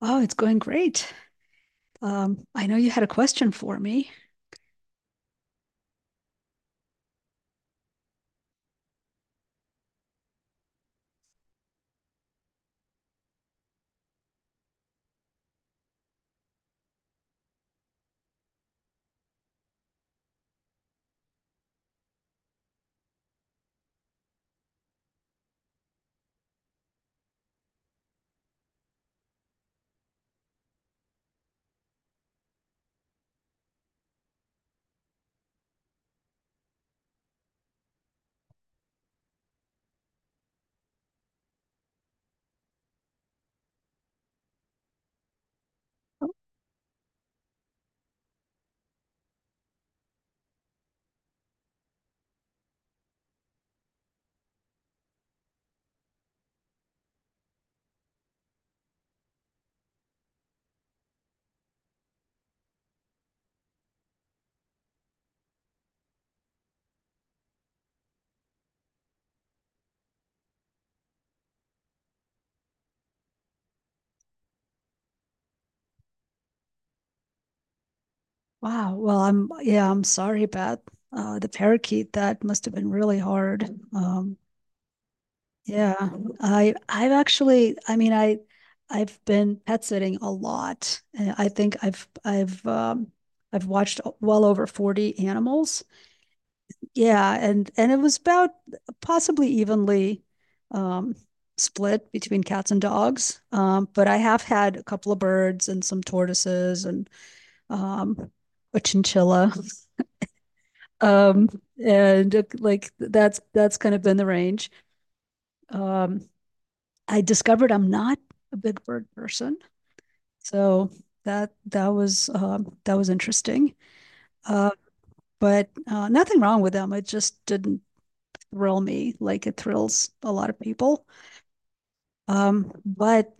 Oh, it's going great. I know you had a question for me. Wow. Well, I'm sorry about the parakeet. That must have been really hard. Um, yeah, I've actually, I mean, I've been pet sitting a lot. And I think I've watched well over 40 animals. Yeah, and it was about possibly evenly, um, split between cats and dogs. But I have had a couple of birds and some tortoises and um, a chinchilla. Um, and like that's kind of been the range. Um, I discovered I'm not a big bird person, so that was that was interesting. Uh, but nothing wrong with them. It just didn't thrill me like it thrills a lot of people. But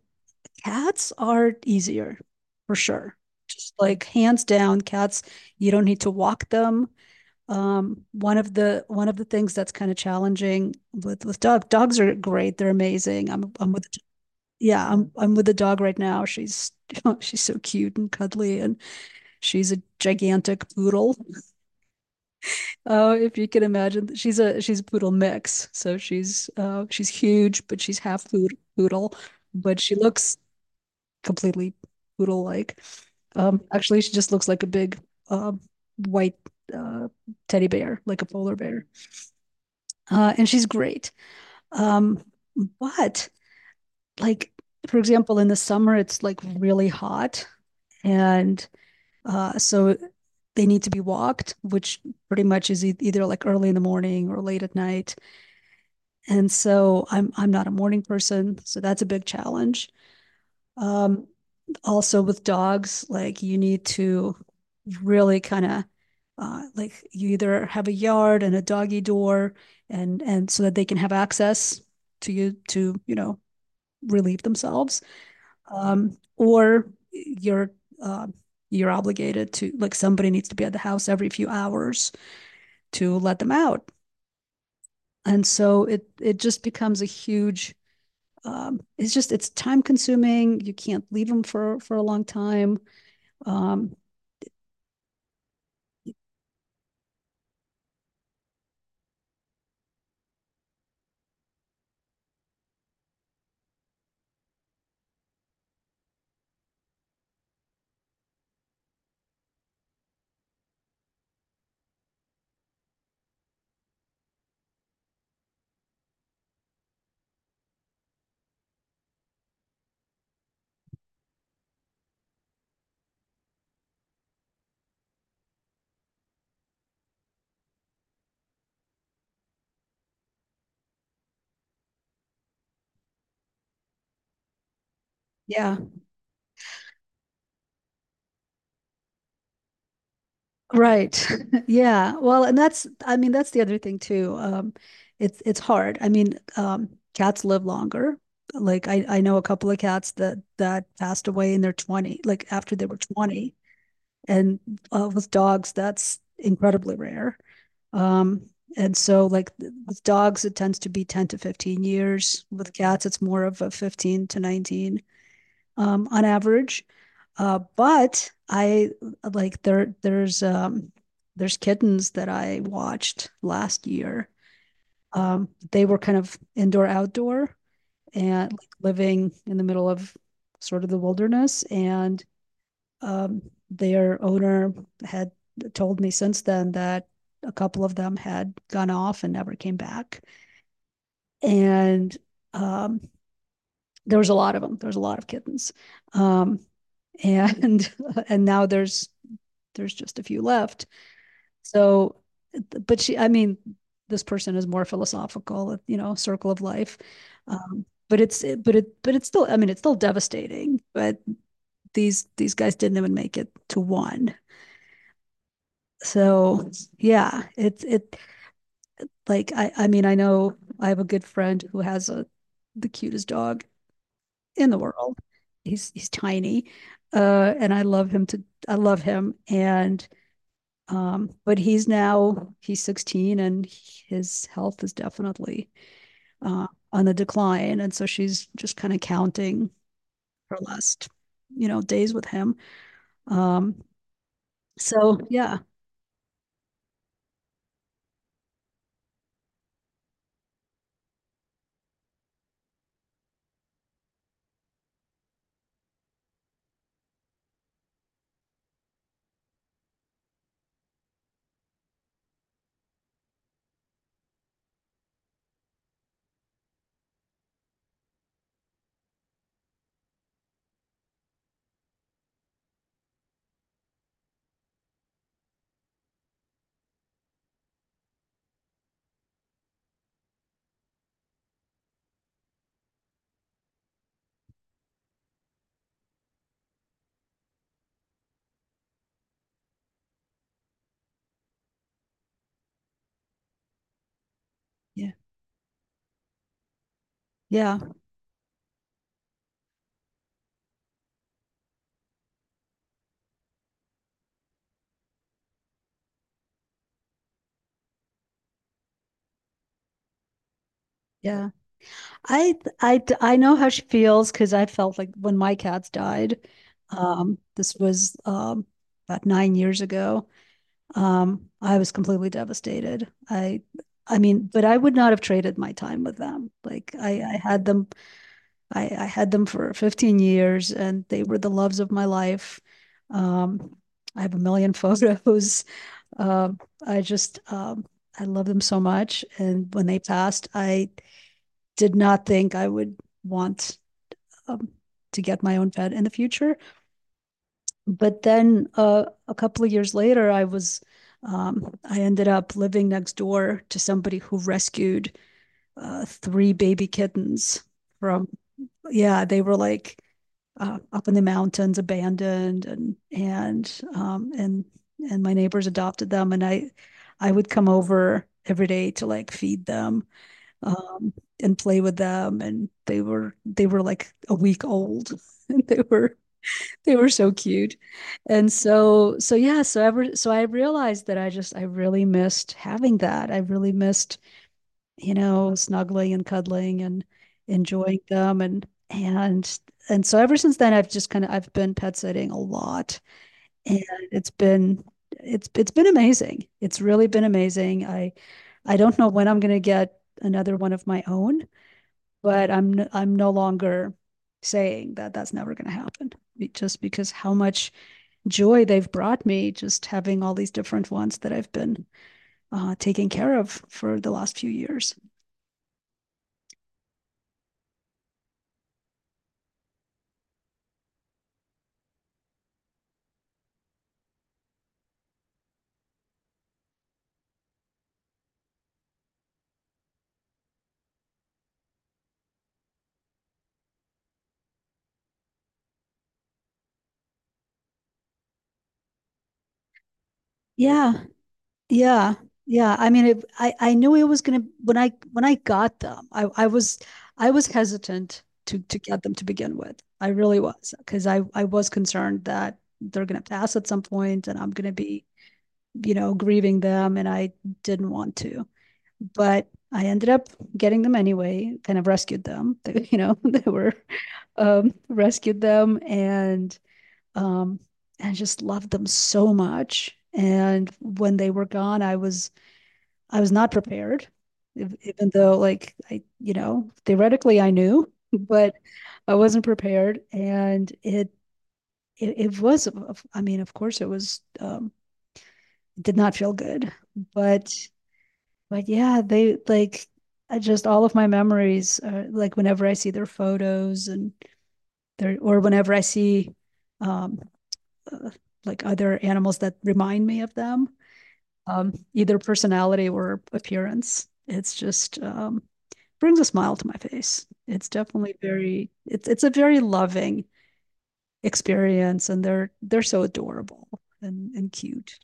cats are easier for sure. Just, like hands down, cats, you don't need to walk them. One of the things that's kind of challenging with dogs are great. They're amazing. I'm with yeah, I'm with a dog right now. She's she's so cute and cuddly and she's a gigantic poodle. Oh, if you can imagine, she's a poodle mix. So she's huge, but she's poodle, but she looks completely poodle like. Actually, she just looks like a big uh, white uh, teddy bear, like a polar bear. And she's great. Um, but, like, for example, in the summer, it's like really hot. And so they need to be walked, which pretty much is either like early in the morning or late at night. And so I'm not a morning person, so that's a big challenge. Um, also with dogs, like you need to really kind of like you either have a yard and a doggy door and so that they can have access to you know relieve themselves, or you're uh, you're obligated to, like, somebody needs to be at the house every few hours to let them out, and so it just becomes a huge, it's just it's time consuming, you can't leave them for a long time. Um, yeah, right. Yeah. Well, and that's, I mean, that's the other thing too. It's hard. I mean, cats live longer. Like I know a couple of cats that passed away in their 20, like after they were 20. And with dogs, that's incredibly rare. Um, and so, like with dogs, it tends to be 10 to 15 years. With cats, it's more of a 15 to 19, on average. But I like there there's kittens that I watched last year. They were kind of indoor outdoor and like living in the middle of sort of the wilderness and, um, their owner had told me since then that a couple of them had gone off and never came back. And um, there was a lot of them. There was a lot of kittens. Um, and now there's just a few left. So, but she, I mean, this person is more philosophical, you know, circle of life. But it's still, I mean, it's still devastating. But these guys didn't even make it to one. So yeah, it's it like I mean, I know I have a good friend who has a the cutest dog in the world. He's tiny, and I love him, and but he's 16, and his health is definitely, on the decline, and so she's just kind of counting her last, you know, days with him. Um, so yeah, yeah, yeah, yeah. I I know how she feels, because I felt like when my cats died, this was about 9 years ago. I was completely devastated. I mean, but I would not have traded my time with them. I had them for 15 years, and they were the loves of my life. Um, I have a million photos. Um, I just I love them so much, and when they passed, I did not think I would want, um, to get my own pet in the future. But then a couple of years later, I was, I ended up living next door to somebody who rescued three baby kittens from, yeah, they were like up in the mountains, abandoned, and and my neighbors adopted them, and I would come over every day to like feed them, um, and play with them. And they were like a week old, and they were so cute. And so yeah, so I realized that I really missed having that. I really missed, you know, snuggling and cuddling and enjoying them, and so ever since then I've just kind of I've been pet sitting a lot, and it's been it's been amazing. It's really been amazing. I don't know when I'm going to get another one of my own, but I'm no longer saying that that's never going to happen, just because how much joy they've brought me, just having all these different ones that I've been, taking care of for the last few years. Yeah. Yeah. Yeah. I mean, I knew it was gonna when I got them, I was, I was hesitant to get them to begin with. I really was, because I was concerned that they're gonna pass at some point and I'm gonna be, you know, grieving them, and I didn't want to. But I ended up getting them anyway, kind of rescued them. They, you know, they were rescued them um and just loved them so much. And when they were gone, I was not prepared, even though, like, I, you know, theoretically I knew, but I wasn't prepared. And it was, I mean, of course it was, did not feel good, but, but yeah, they like, I just, all of my memories are like whenever I see their photos and their, or whenever I see, um, uh, like other animals that remind me of them, either personality or appearance. It's just, brings a smile to my face. It's definitely very it's a very loving experience, and they're so adorable and cute.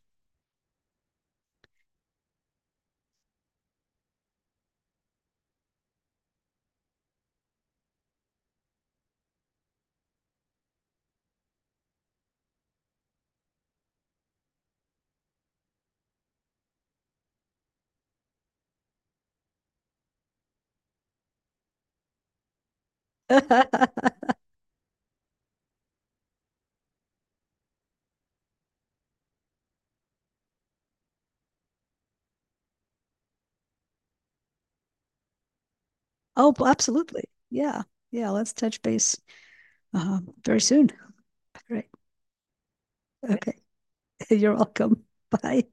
Oh, well, absolutely, yeah, yeah. Let's touch base, very soon. All right, okay. You're welcome. Bye.